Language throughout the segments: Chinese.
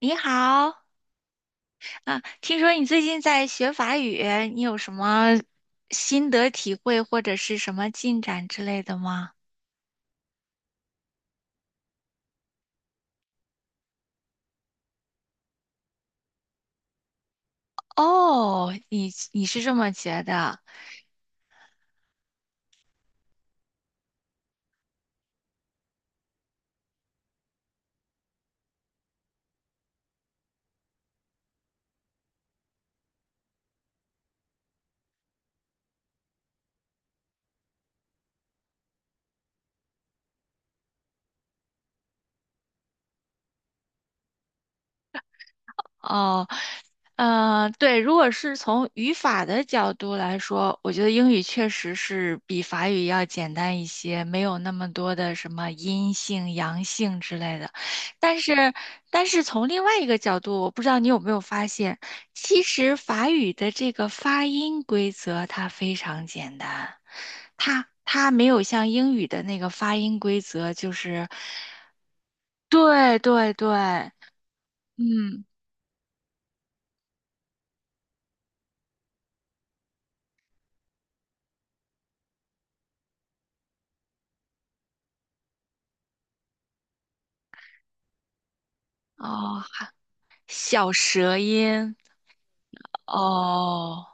你好。听说你最近在学法语，你有什么心得体会或者是什么进展之类的吗？哦，你是这么觉得？哦，对，如果是从语法的角度来说，我觉得英语确实是比法语要简单一些，没有那么多的什么阴性、阳性之类的。但是，从另外一个角度，我不知道你有没有发现，其实法语的这个发音规则它非常简单，它没有像英语的那个发音规则，就是，对对对。嗯。哦，小舌音。哦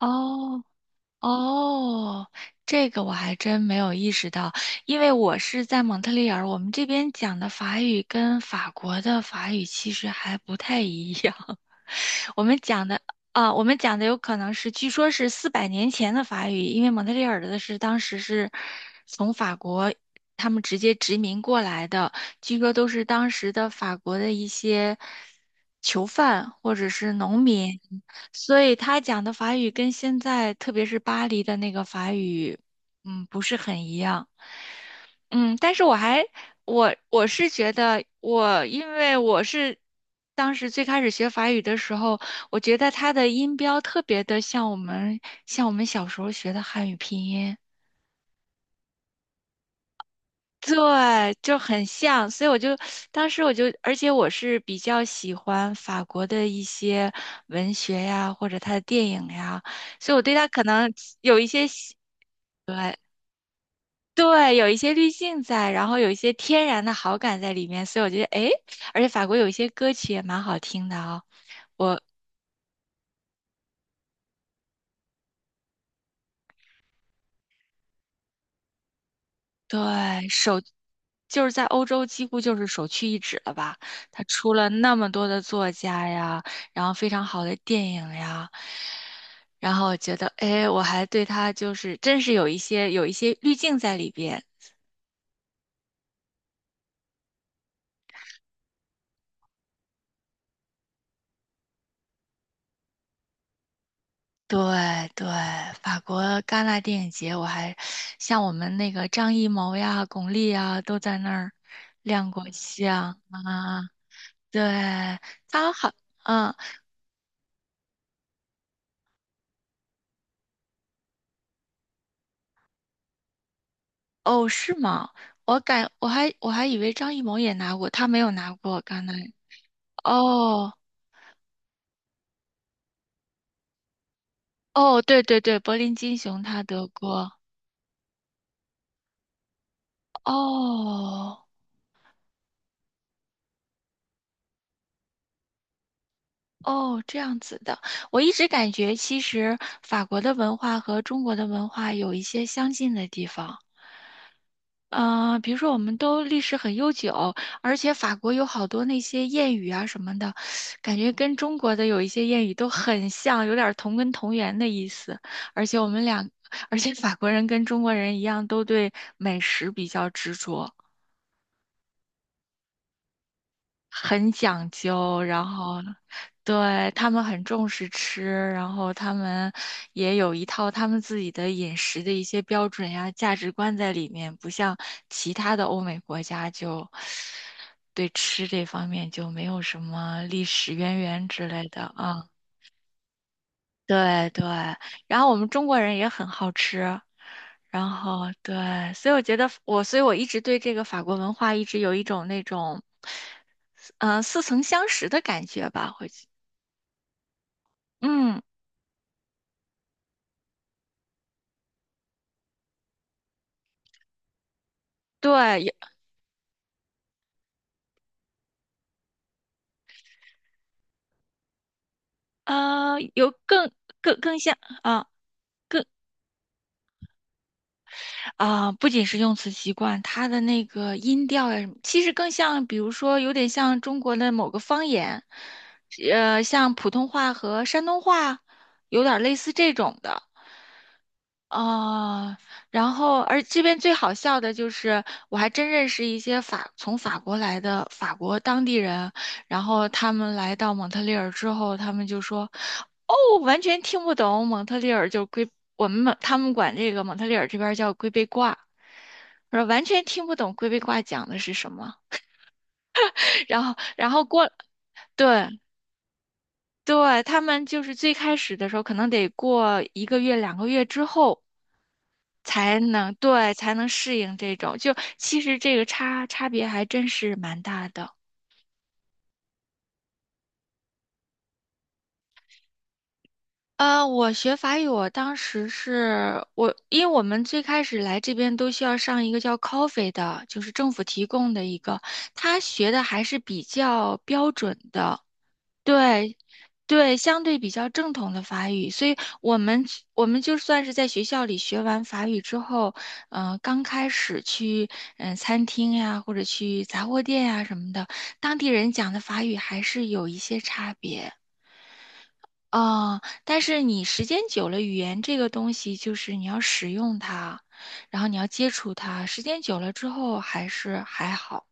哦。哦，这个我还真没有意识到，因为我是在蒙特利尔，我们这边讲的法语跟法国的法语其实还不太一样。我们讲的啊，我们讲的有可能是，据说是400年前的法语，因为蒙特利尔的是当时是从法国他们直接殖民过来的，据说都是当时的法国的一些囚犯或者是农民。所以他讲的法语跟现在，特别是巴黎的那个法语，嗯，不是很一样。嗯，但是我还，我是觉得我，因为我是当时最开始学法语的时候，我觉得它的音标特别的像我们小时候学的汉语拼音。对，就很像，所以我就当时我就，而且我是比较喜欢法国的一些文学呀，或者他的电影呀，所以我对他可能有一些喜对，有一些滤镜在，然后有一些天然的好感在里面，所以我觉得，诶，而且法国有一些歌曲也蛮好听的啊、我对手。就是在欧洲几乎就是首屈一指了吧？他出了那么多的作家呀，然后非常好的电影呀，然后我觉得，哎，我还对他就是真是有一些滤镜在里边。对对，法国戛纳电影节，我还像我们那个张艺谋呀、巩俐呀都在那儿亮过相啊。对，他好。嗯。哦，是吗？我还以为张艺谋也拿过，他没有拿过刚才。哦哦，对对对，柏林金熊他得过。哦哦，这样子的。我一直感觉其实法国的文化和中国的文化有一些相近的地方。嗯，比如说我们都历史很悠久，而且法国有好多那些谚语啊什么的，感觉跟中国的有一些谚语都很像，有点儿同根同源的意思。而且我们俩，而且法国人跟中国人一样，都对美食比较执着。很讲究，然后对他们很重视吃，然后他们也有一套他们自己的饮食的一些标准呀、价值观在里面，不像其他的欧美国家就对吃这方面就没有什么历史渊源之类的啊。对对，然后我们中国人也很好吃，然后对，所以我觉得我，所以我一直对这个法国文化一直有一种那种，嗯、似曾相识的感觉吧，会。嗯，对，有更像啊。更啊、不仅是用词习惯，它的那个音调呀什么，其实更像，比如说，有点像中国的某个方言，像普通话和山东话，有点类似这种的。哦，然后而这边最好笑的就是，我还真认识一些法国来的法国当地人，然后他们来到蒙特利尔之后，他们就说，哦，完全听不懂蒙特利尔就龟，我们蒙他们管这个蒙特利尔这边儿叫龟背挂，我说完全听不懂龟背挂讲的是什么。然后然后过，对对，他们就是最开始的时候可能得过1个月2个月之后。才能适应这种，就其实这个差别还真是蛮大的。我学法语，我当时是我，因为我们最开始来这边都需要上一个叫 Coffee 的，就是政府提供的一个，他学的还是比较标准的，对，对，相对比较正统的法语，所以我们就算是在学校里学完法语之后，嗯，刚开始去餐厅呀，或者去杂货店呀什么的，当地人讲的法语还是有一些差别。啊、但是你时间久了，语言这个东西就是你要使用它，然后你要接触它，时间久了之后还是还好。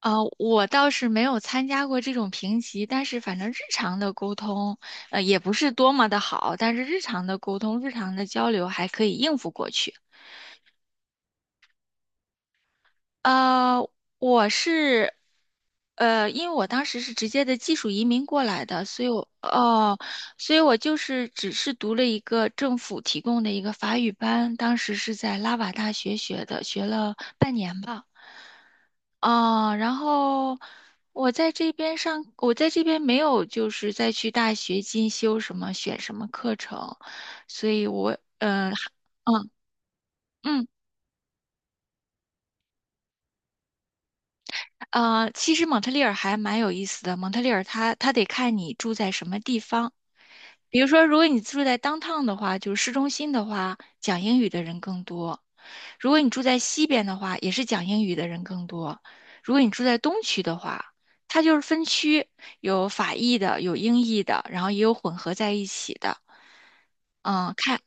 我倒是没有参加过这种评级，但是反正日常的沟通，也不是多么的好，但是日常的沟通、日常的交流还可以应付过去。呃，我是，因为我当时是直接的技术移民过来的，所以我，哦，所以我就是只是读了一个政府提供的一个法语班，当时是在拉瓦大学学的，学了半年吧。啊，然后我在这边上，我在这边没有就是再去大学进修什么选什么课程，所以我。嗯嗯其实蒙特利尔还蛮有意思的。蒙特利尔它得看你住在什么地方。比如说，如果你住在 downtown 的话，就是市中心的话，讲英语的人更多；如果你住在西边的话，也是讲英语的人更多；如果你住在东区的话，它就是分区，有法裔的，有英裔的，然后也有混合在一起的。嗯，看。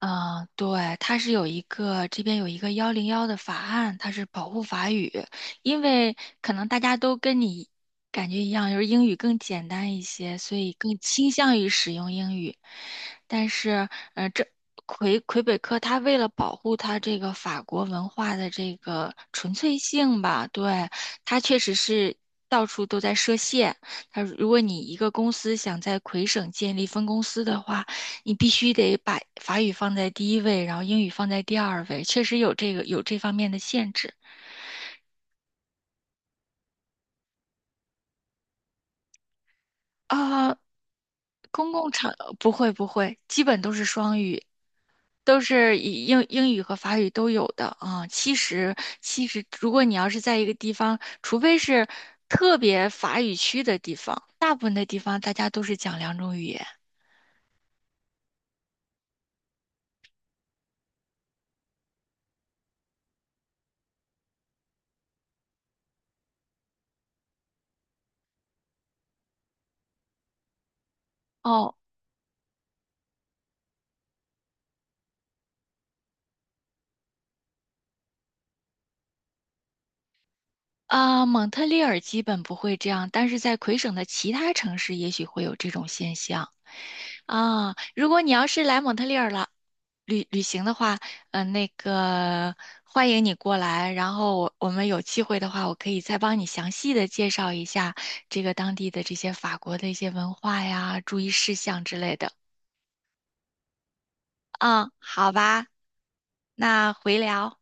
嗯，对，它是有一个这边有一个101的法案，它是保护法语，因为可能大家都跟你感觉一样，就是英语更简单一些，所以更倾向于使用英语。但是，魁北克它为了保护它这个法国文化的这个纯粹性吧，对，它确实是到处都在设限。它如果你一个公司想在魁省建立分公司的话，你必须得把法语放在第一位，然后英语放在第二位，确实有这方面的限制啊。公共场不会不会，基本都是双语，都是以英语和法语都有的啊。其实，如果你要是在一个地方，除非是特别法语区的地方，大部分的地方大家都是讲两种语言。哦，啊，蒙特利尔基本不会这样，但是在魁省的其他城市也许会有这种现象。啊，如果你要是来蒙特利尔了旅行的话，嗯、呃，那个欢迎你过来，然后我们有机会的话，我可以再帮你详细的介绍一下这个当地的这些法国的一些文化呀、注意事项之类的。嗯，好吧，那回聊。